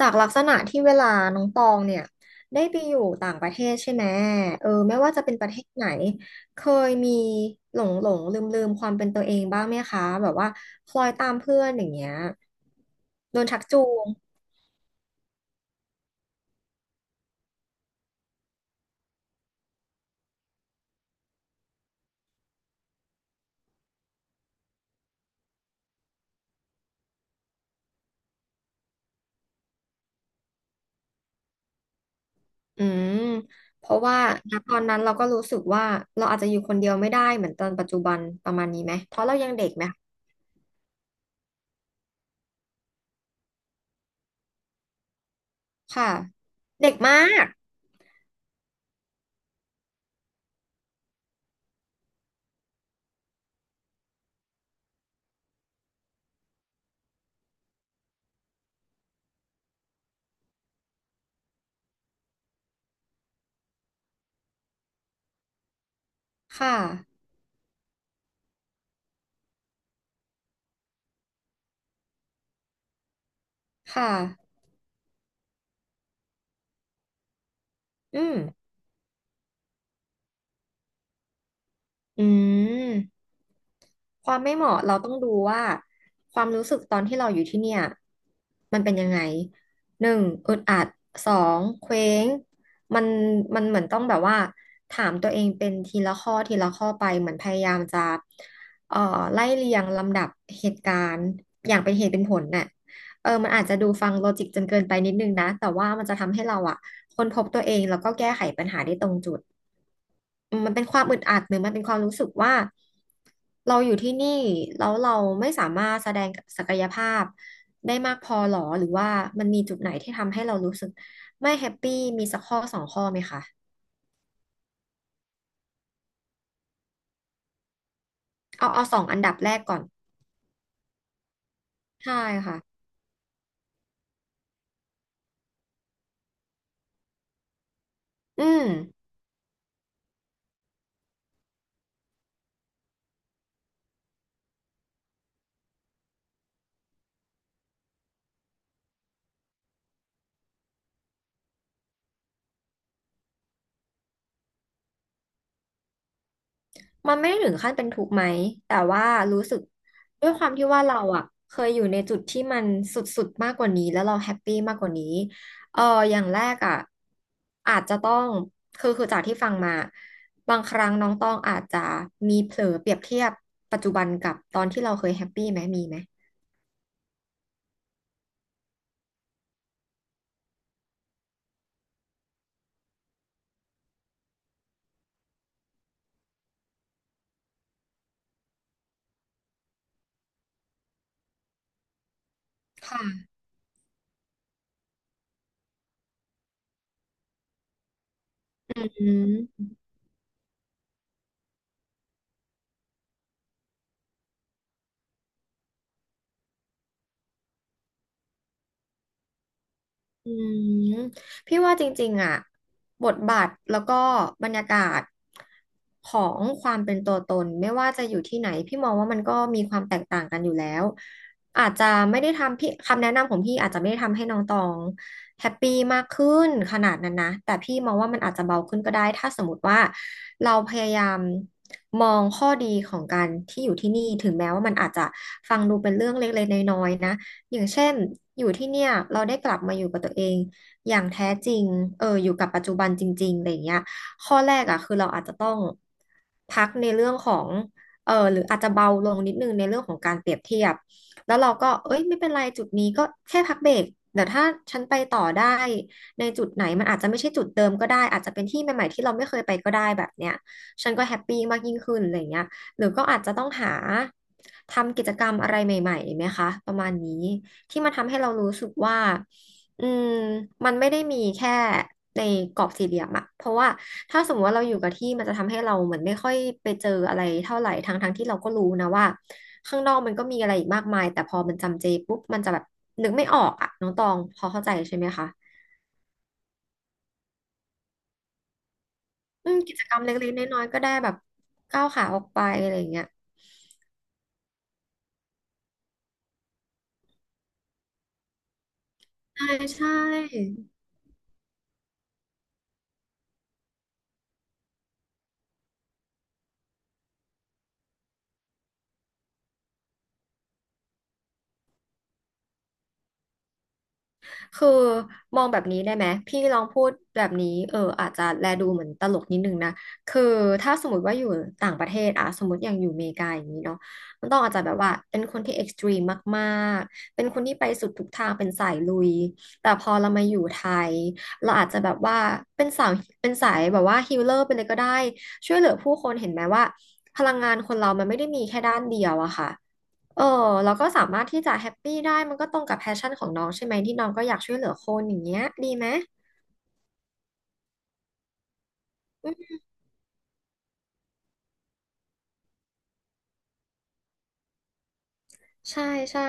จากลักษณะที่เวลาน้องตองเนี่ยได้ไปอยู่ต่างประเทศใช่ไหมเออไม่ว่าจะเป็นประเทศไหนเคยมีหลงลืมๆความเป็นตัวเองบ้างไหมคะแบบว่าคล้อยตามเพื่อนอย่างเงี้ยโดนชักจูงอืมเพราะว่าณตอนนั้นเราก็รู้สึกว่าเราอาจจะอยู่คนเดียวไม่ได้เหมือนตอนปัจจุบันประมาณนี้ไหมเพราะเรายังเด็กไหมค่ะเด็กมากค่ะค่ะอืมอืม ความไม่เหมาะเราต้องดูว่าความรู้สึกตอนที่เราอยู่ที่เนี่ยมันเป็นยังไงหนึ่งอึดอัดสองเคว้งมันมันเหมือนต้องแบบว่าถามตัวเองเป็นทีละข้อทีละข้อไปเหมือนพยายามจะเอ่อไล่เรียงลำดับเหตุการณ์อย่างเป็นเหตุเป็นผลน่ะเออมันอาจจะดูฟังโลจิกจนเกินไปนิดนึงนะแต่ว่ามันจะทำให้เราอะค้นพบตัวเองแล้วก็แก้ไขปัญหาได้ตรงจุด มันเป็นความอึดอัดหรือมันเป็นความรู้สึกว่าเราอยู่ที่นี่แล้วเราไม่สามารถแสดงศักยภาพได้มากพอหรอหรือว่ามันมีจุดไหนที่ทำให้เรารู้สึกไม่แฮปปี้มีสักข้อสองข้อไหมคะเอาสองอันดับแรกก่อนใช่ค่ะอืม มันไม่ได้ถึงขั้นเป็นทุกข์ไหมแต่ว่ารู้สึกด้วยความที่ว่าเราอะเคยอยู่ในจุดที่มันสุดๆมากกว่านี้แล้วเราแฮปปี้มากกว่านี้เอออย่างแรกอะอาจจะต้องคือจากที่ฟังมาบางครั้งน้องต้องอาจจะมีเผลอเปรียบเทียบปัจจุบันกับตอนที่เราเคยแฮปปี้ไหมมีไหมค่ะอืม อืมพี่ว่าจริงๆอ่ะบทบาทแล้วก็บรรยากาศของความเป็นตัวตนไม่ว่าจะอยู่ที่ไหนพี่มองว่ามันก็มีความแตกต่างกันอยู่แล้วอาจจะไม่ได้ทำพี่คำแนะนำของพี่อาจจะไม่ได้ทำให้น้องตองแฮปปี้มากขึ้นขนาดนั้นนะแต่พี่มองว่ามันอาจจะเบาขึ้นก็ได้ถ้าสมมติว่าเราพยายามมองข้อดีของการที่อยู่ที่นี่ถึงแม้ว่ามันอาจจะฟังดูเป็นเรื่องเล็กๆน้อยๆนะ อย่างเช่นอยู่ที่เนี่ยเราได้กลับมาอยู่กับตัวเองอย่างแท้จริงเอออยู่กับปัจจุบันจริงๆอะไรอย่างเงี้ยข้อแรกอ่ะคือเราอาจจะต้องพักในเรื่องของเออหรืออาจจะเบาลงนิดนึงในเรื่องของการเปรียบเทียบแล้วเราก็เอ้ยไม่เป็นไรจุดนี้ก็แค่พักเบรกแต่ถ้าฉันไปต่อได้ในจุดไหนมันอาจจะไม่ใช่จุดเดิมก็ได้อาจจะเป็นที่ใหม่ๆที่เราไม่เคยไปก็ได้แบบเนี้ยฉันก็แฮปปี้มากยิ่งขึ้นอะไรอย่างเงี้ย หรือก็อาจจะต้องหาทำกิจกรรมอะไรใหม่ๆไหมคะประมาณนี้ที่มันทำให้เรารู้สึกว่าอืมมันไม่ได้มีแค่ในกรอบสี่เหลี่ยมอะเพราะว่าถ้าสมมติว่าเราอยู่กับที่มันจะทำให้เราเหมือนไม่ค่อยไปเจออะไรเท่าไหร่ทั้งที่เราก็รู้นะว่าข้างนอกมันก็มีอะไรอีกมากมายแต่พอมันจำเจปุ๊บมันจะแบบนึกไม่ออกอะน้องตองพอเข้าใจใช่ไหมคะอืมกิจกรรมเล็กๆน้อยๆก็ได้แบบก้าวขาออกไปอะไรอย่างเงี้ยใช่ใช่ คือมองแบบนี้ได้ไหมพี่ลองพูดแบบนี้เอออาจจะแลดูเหมือนตลกนิดนึงนะคือถ้าสมมติว่าอยู่ต่างประเทศอะสมมติอย่างอยู่อเมริกาอย่างนี้เนาะมันต้องอาจจะแบบว่าเป็นคนที่เอ็กซ์ตรีมมากๆเป็นคนที่ไปสุดทุกทางเป็นสายลุยแต่พอเรามาอยู่ไทยเราอาจจะแบบว่าเป็นสาวเป็นสายแบบว่าฮีลเลอร์ไปเลยก็ได้ช่วยเหลือผู้คนเห็นไหมว่าพลังงานคนเรามันไม่ได้มีแค่ด้านเดียวอะค่ะ เออแล้วก็สามารถที่จะแฮปปี้ได้มันก็ตรงกับแพชชั่นของน้องใช่ไหมที่น้องก็อยากช่วยเหลือคนอย่างเงี้ยดีไหมอืมใช่ใช่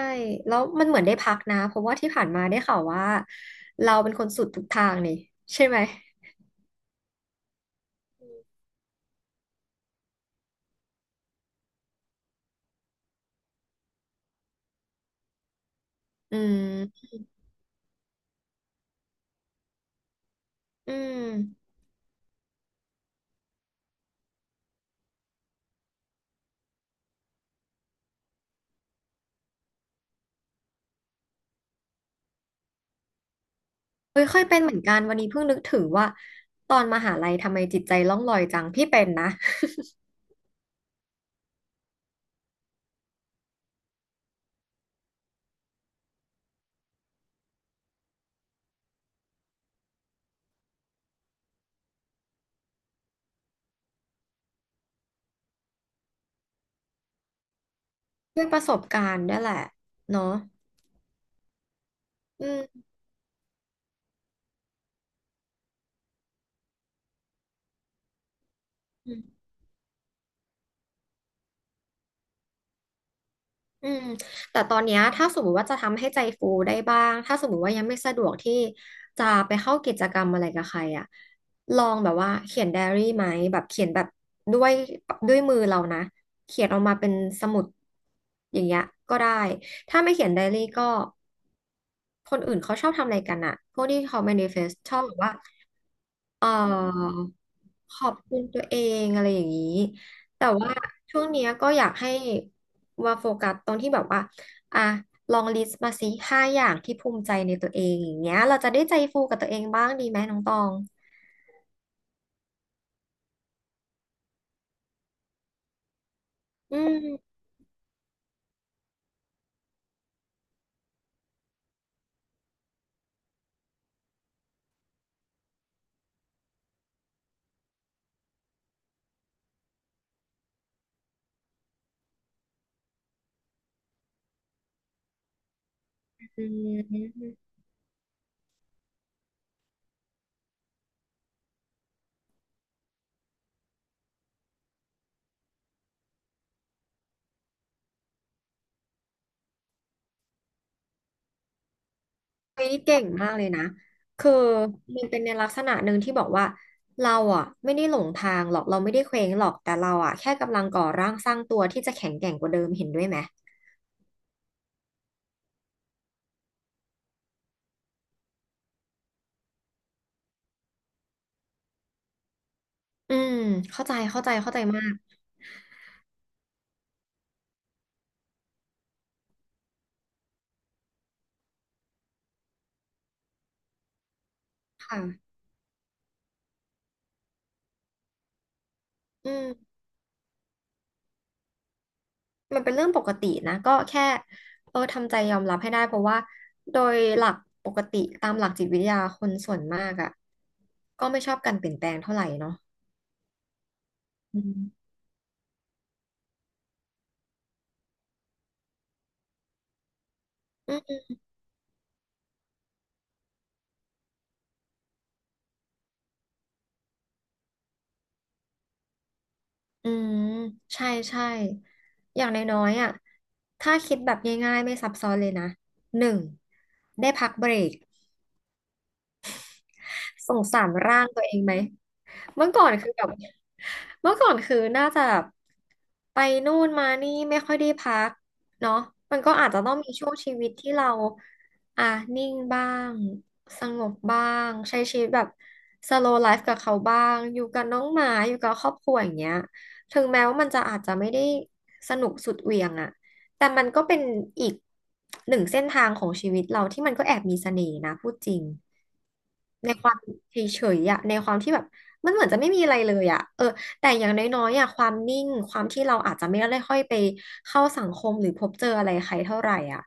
แล้วมันเหมือนได้พักนะเพราะว่าที่ผ่านมาได้ข่าวว่าเราเป็นคนสุดทุกทางนี่ใช่ไหมอืมอืมเฮ้ยเคยเป็นเหมือนกันวันนี้เพิ่งนึกถึงว่าตอนมหาลัยทำไมจิตใจล่องลอยจังพี่เป็นนะด้วยประสบการณ์ด้วยแหละเนาะอืม อืมแต่ตอนเนี้ยถ้าสมมติว่าจะทำให้ใจฟูได้บ้างถ้าสมมติว่ายังไม่สะดวกที่จะไปเข้ากิจกรรมอะไรกับใครอ่ะลองแบบว่าเขียนไดอารี่ไหมแบบเขียนแบบด้วยด้วยมือเรานะเขียนออกมาเป็นสมุดอย่างเงี้ยก็ได้ถ้าไม่เขียนไดอารี่ก็คนอื่นเขาชอบทำอะไรกันอ่ะพวกที่เขา manifest ชอบแบบว่า เออขอบคุณตัวเองอะไรอย่างนี้แต่ว่าช่วงเนี้ยก็อยากให้ว่าโฟกัสตรงที่แบบว่าอ่ะลองลิสต์มาสิห้าอย่างที่ภูมิใจในตัวเองอย่างเงี้ยเราจะได้ใจฟูกับตัวเองบ้างดีไหมน้องตองอืมอืมเฮ้ยเก่งมากเลยนะคือมันเป็นในลักษณะหนึ่งที่บอกว่าเราอ่ะไม่ได้หลงทางหรอกเราไม่ได้เคว้งหรอกแต่เราอ่ะแค่กำลังก่อร่างสร้างตัวที่จะแข็งแกร่งกว่าเดิมเห็นด้วยไหมอืมเข้าใจเข้าใจเข้าใจมาก ค่ะอืมมันเป็นเรื่องปกตินะ ก็แค่เออทำใจยอมรับให้ได้เพราะว่าโดยหลักปกติตามหลักจิตวิทยาคนส่วนมากอ่ะก็ไม่ชอบการเปลี่ยนแปลงเท่าไหร่เนาะอืมอืมอืมใช่ใช่อย่างน้อยๆอ่ะถ้าคิดแบบง่ายๆไม่ซับซ้อนเลยนะหนึ่งได้พักเบรก สงสารร่างตัวเองไหมเมื่อก่อนคือแบบเมื่อก่อนคือน่าจะแบบไปนู่นมานี่ไม่ค่อยได้พักเนาะมันก็อาจจะต้องมีช่วงชีวิตที่เราอ่ะนิ่งบ้างสงบบ้างใช้ชีวิตแบบ slow life กับเขาบ้างอยู่กับน้องหมาอยู่กับครอบครัวอย่างเงี้ยถึงแม้ว่ามันจะอาจจะไม่ได้สนุกสุดเหวี่ยงอะแต่มันก็เป็นอีกหนึ่งเส้นทางของชีวิตเราที่มันก็แอบมีเสน่ห์นะพูดจริง ในความเฉยๆอะในความที่แบบมันเหมือนจะไม่มีอะไรเลยอะเออแต่อย่างน้อยๆอะความนิ่งความที่เราอาจจะไม่ได้ค่อยไปเข้าสังคมหรือพบเจออะไรใครเท่าไหร่อะ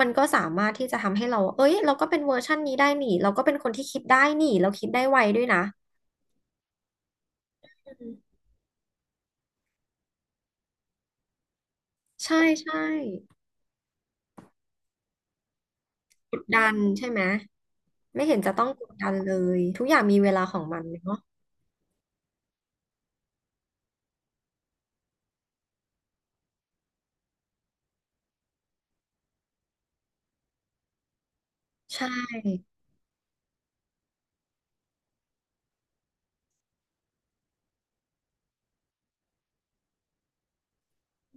มันก็สามารถที่จะทำให้เราเอ้ยเราก็เป็นเวอร์ชันนี้ได้นี่เราก็เป็นคนที่คิดได้นี่เราคิดได้ไวด้วยนะอืมใช่ใช่กดดันใช่ไหมไม่เห็นจะต้องกดดันเลยทุกอย่างมีเวลาของมันเนาะใช่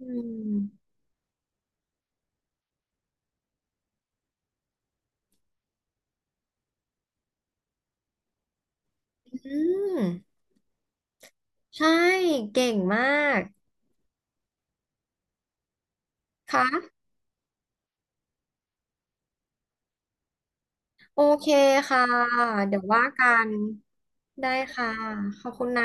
อืมอืมใช่เก่งมากค่ะ โอเคค่ะ เดี๋ยวว่ากัน ได้ค่ะ ขอบคุณนะ